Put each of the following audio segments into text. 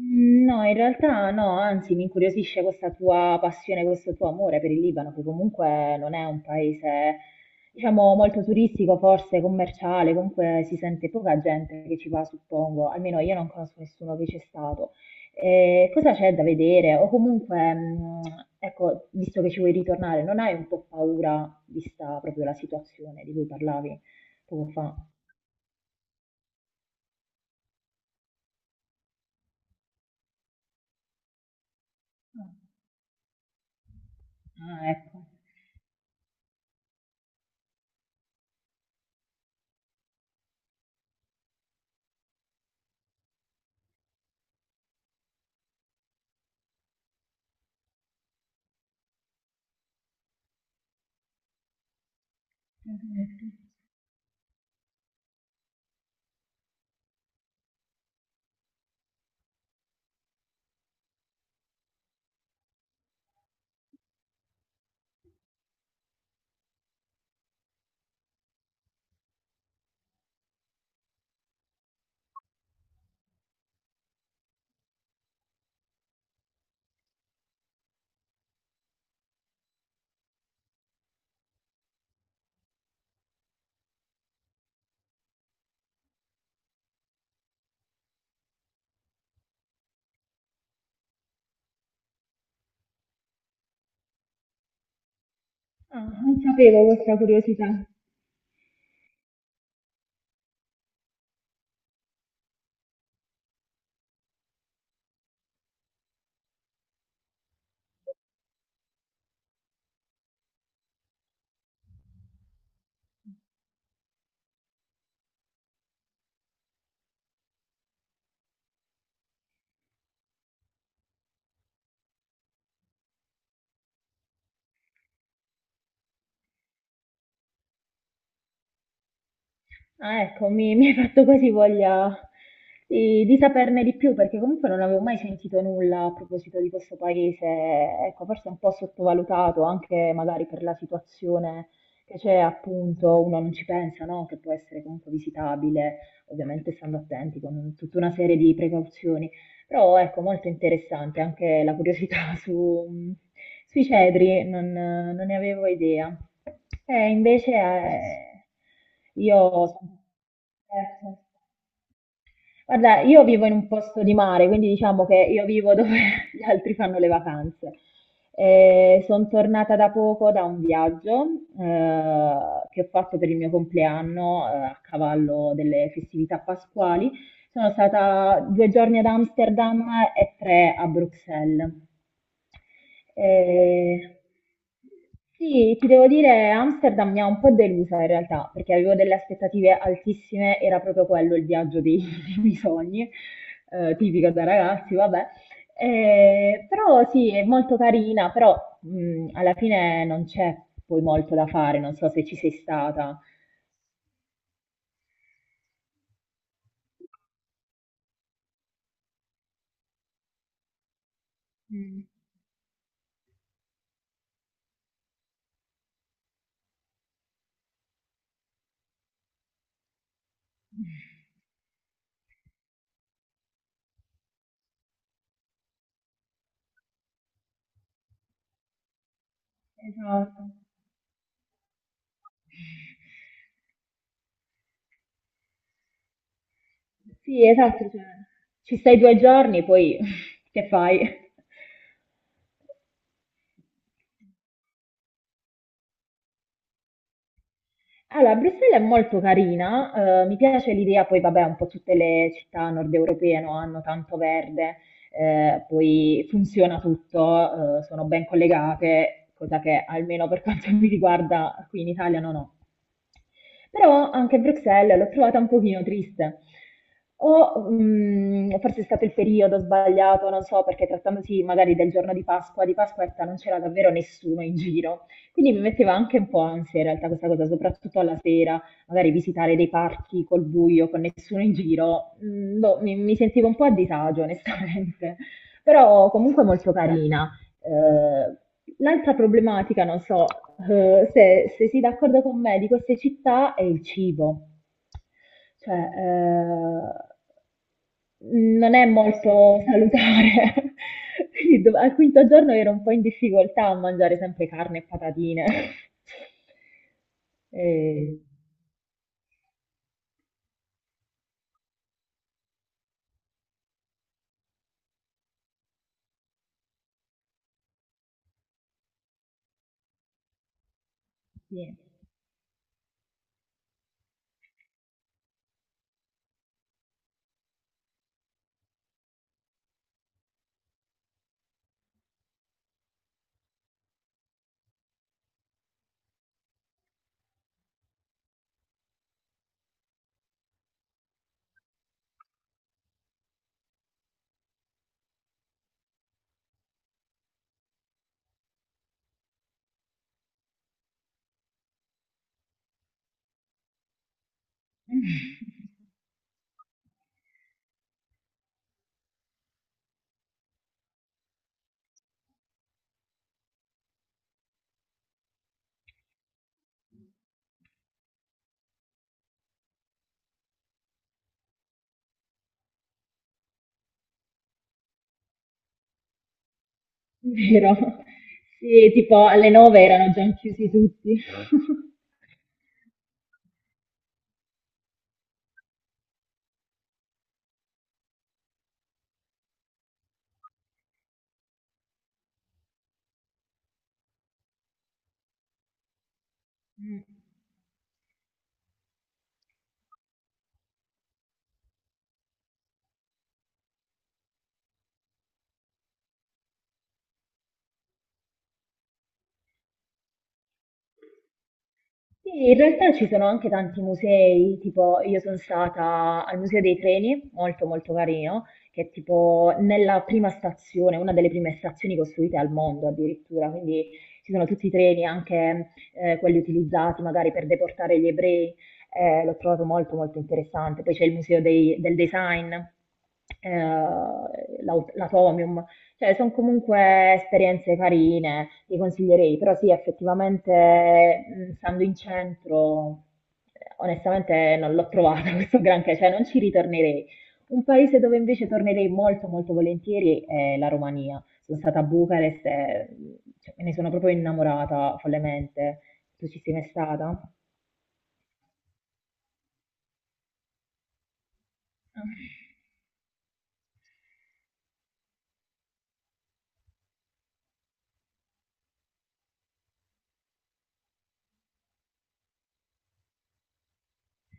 No, in realtà no, anzi mi incuriosisce questa tua passione, questo tuo amore per il Libano, che comunque non è un paese, diciamo, molto turistico, forse commerciale, comunque si sente poca gente che ci va, suppongo, almeno io non conosco nessuno che c'è stato. Cosa c'è da vedere? O comunque, ecco, visto che ci vuoi ritornare, non hai un po' paura, vista proprio la situazione di cui parlavi poco fa? Ah, ecco. Ah, non sapevo questa curiosità. Ah, ecco, mi hai fatto quasi voglia di saperne di più, perché comunque non avevo mai sentito nulla a proposito di questo paese. Ecco, forse un po' sottovalutato, anche magari per la situazione che c'è, appunto, uno non ci pensa, no? Che può essere comunque visitabile, ovviamente stando attenti con tutta una serie di precauzioni. Però ecco, molto interessante anche la curiosità sui cedri, non ne avevo idea. E invece io... sono- eh, guarda, io vivo in un posto di mare, quindi diciamo che io vivo dove gli altri fanno le vacanze. Sono tornata da poco da un viaggio eh, che ho fatto per il mio compleanno, a cavallo delle festività pasquali. Sono stata 2 giorni ad Amsterdam e 3 a Bruxelles. Eh, sì, ti devo dire, Amsterdam mi ha un po' delusa in realtà, perché avevo delle aspettative altissime, era proprio quello il viaggio dei miei sogni, tipico da ragazzi, vabbè. Però sì, è molto carina, però alla fine non c'è poi molto da fare, non so se ci sei stata. Mm. Esatto. Sì, esatto, cioè, ci stai 2 giorni, poi che fai? Allora, Bruxelles è molto carina, mi piace l'idea, poi vabbè, un po' tutte le città nord europee no, hanno tanto verde, poi funziona tutto, sono ben collegate, cosa che almeno per quanto mi riguarda qui in Italia non ho. Però anche Bruxelles l'ho trovata un pochino triste. Forse è stato il periodo sbagliato, non so, perché trattandosi magari del giorno di Pasqua, di Pasquetta non c'era davvero nessuno in giro. Quindi mi metteva anche un po' ansia in realtà questa cosa, soprattutto alla sera, magari visitare dei parchi col buio, con nessuno in giro. Mm, boh, mi sentivo un po' a disagio, onestamente. Però comunque molto, beh, carina. Eh, L'altra problematica, non so, se sei d'accordo con me, di queste città è il cibo. Cioè, non è molto salutare. Quindi al quinto giorno ero un po' in difficoltà a mangiare sempre carne e patatine. Eh, sì. Vero. Sì, tipo alle nove erano già chiusi tutti. Mm. Sì, in realtà ci sono anche tanti musei, tipo io sono stata al Museo dei Treni, molto molto carino, che è tipo nella prima stazione, una delle prime stazioni costruite al mondo addirittura, quindi ci sono tutti i treni, anche quelli utilizzati magari per deportare gli ebrei, l'ho trovato molto molto interessante. Poi c'è il Museo del Design, eh, l'Atomium, cioè, sono comunque esperienze carine, ti consiglierei, però sì, effettivamente, stando in centro, onestamente non l'ho trovata questo granché, cioè non ci ritornerei. Un paese dove invece tornerei molto molto volentieri è la Romania. Sono stata a Bucarest e, cioè, me ne sono proprio innamorata follemente. Tu ci sei mai stata? Ah,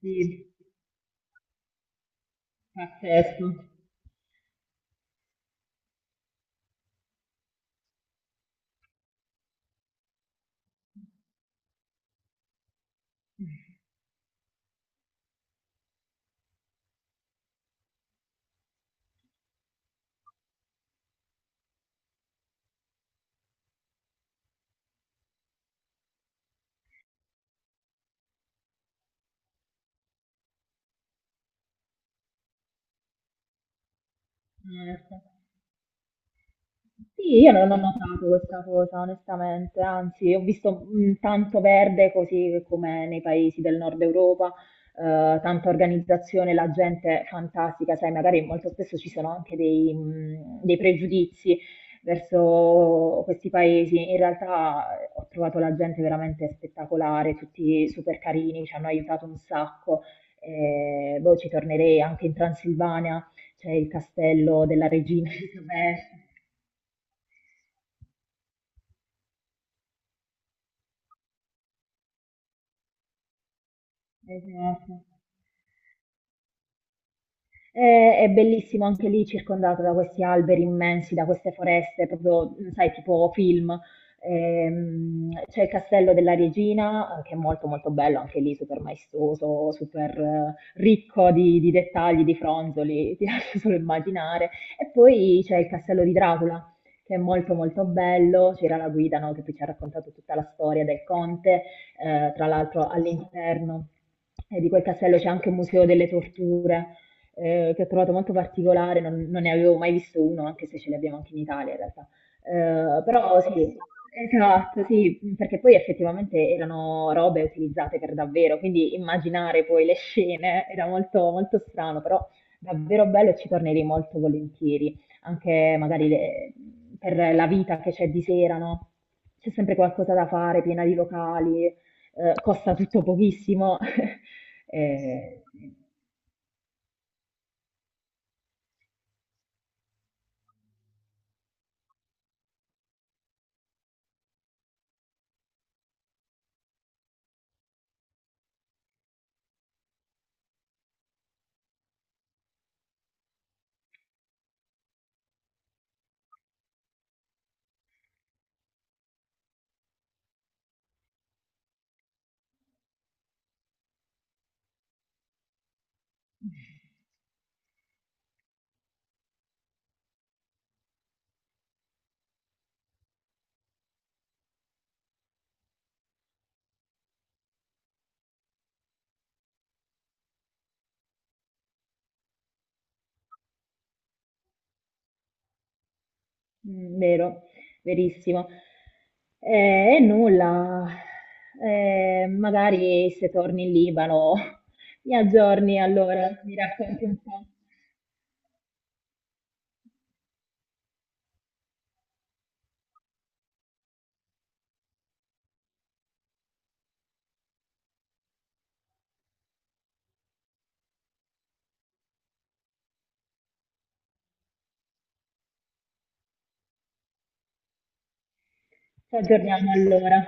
sì, pazzesco. Eh, Sì, io non ho notato questa cosa, onestamente, anzi, ho visto, tanto verde così come nei paesi del nord Europa, tanta organizzazione, la gente fantastica, sai, magari molto spesso ci sono anche dei pregiudizi verso questi paesi. In realtà, ho trovato la gente veramente spettacolare, tutti super carini, ci hanno aiutato un sacco. Boh, ci tornerei anche in Transilvania, c'è il castello della regina Elisabetta. Esatto. È bellissimo anche lì, circondato da questi alberi immensi, da queste foreste, proprio, mm, sai, tipo film. C'è il castello della regina, che è molto molto bello, anche lì super maestoso, super, ricco di dettagli, di fronzoli, ti lascio solo immaginare. E poi c'è il castello di Dracula, che è molto molto bello, c'era la guida, no, che poi ci ha raccontato tutta la storia del conte, tra l'altro all'interno di quel castello c'è anche un museo delle torture, che ho trovato molto particolare, non ne avevo mai visto uno, anche se ce li abbiamo anche in Italia in realtà. Però sì, esatto, sì, perché poi effettivamente erano robe utilizzate per davvero, quindi immaginare poi le scene era molto, molto strano, però davvero bello e ci tornerei molto volentieri, anche magari per la vita che c'è di sera, no? C'è sempre qualcosa da fare, piena di locali, costa tutto pochissimo. Eh, mm, vero, verissimo. E nulla. Magari se torni in Libano mi aggiorni allora, mi racconti un po'. Ci aggiorniamo allora.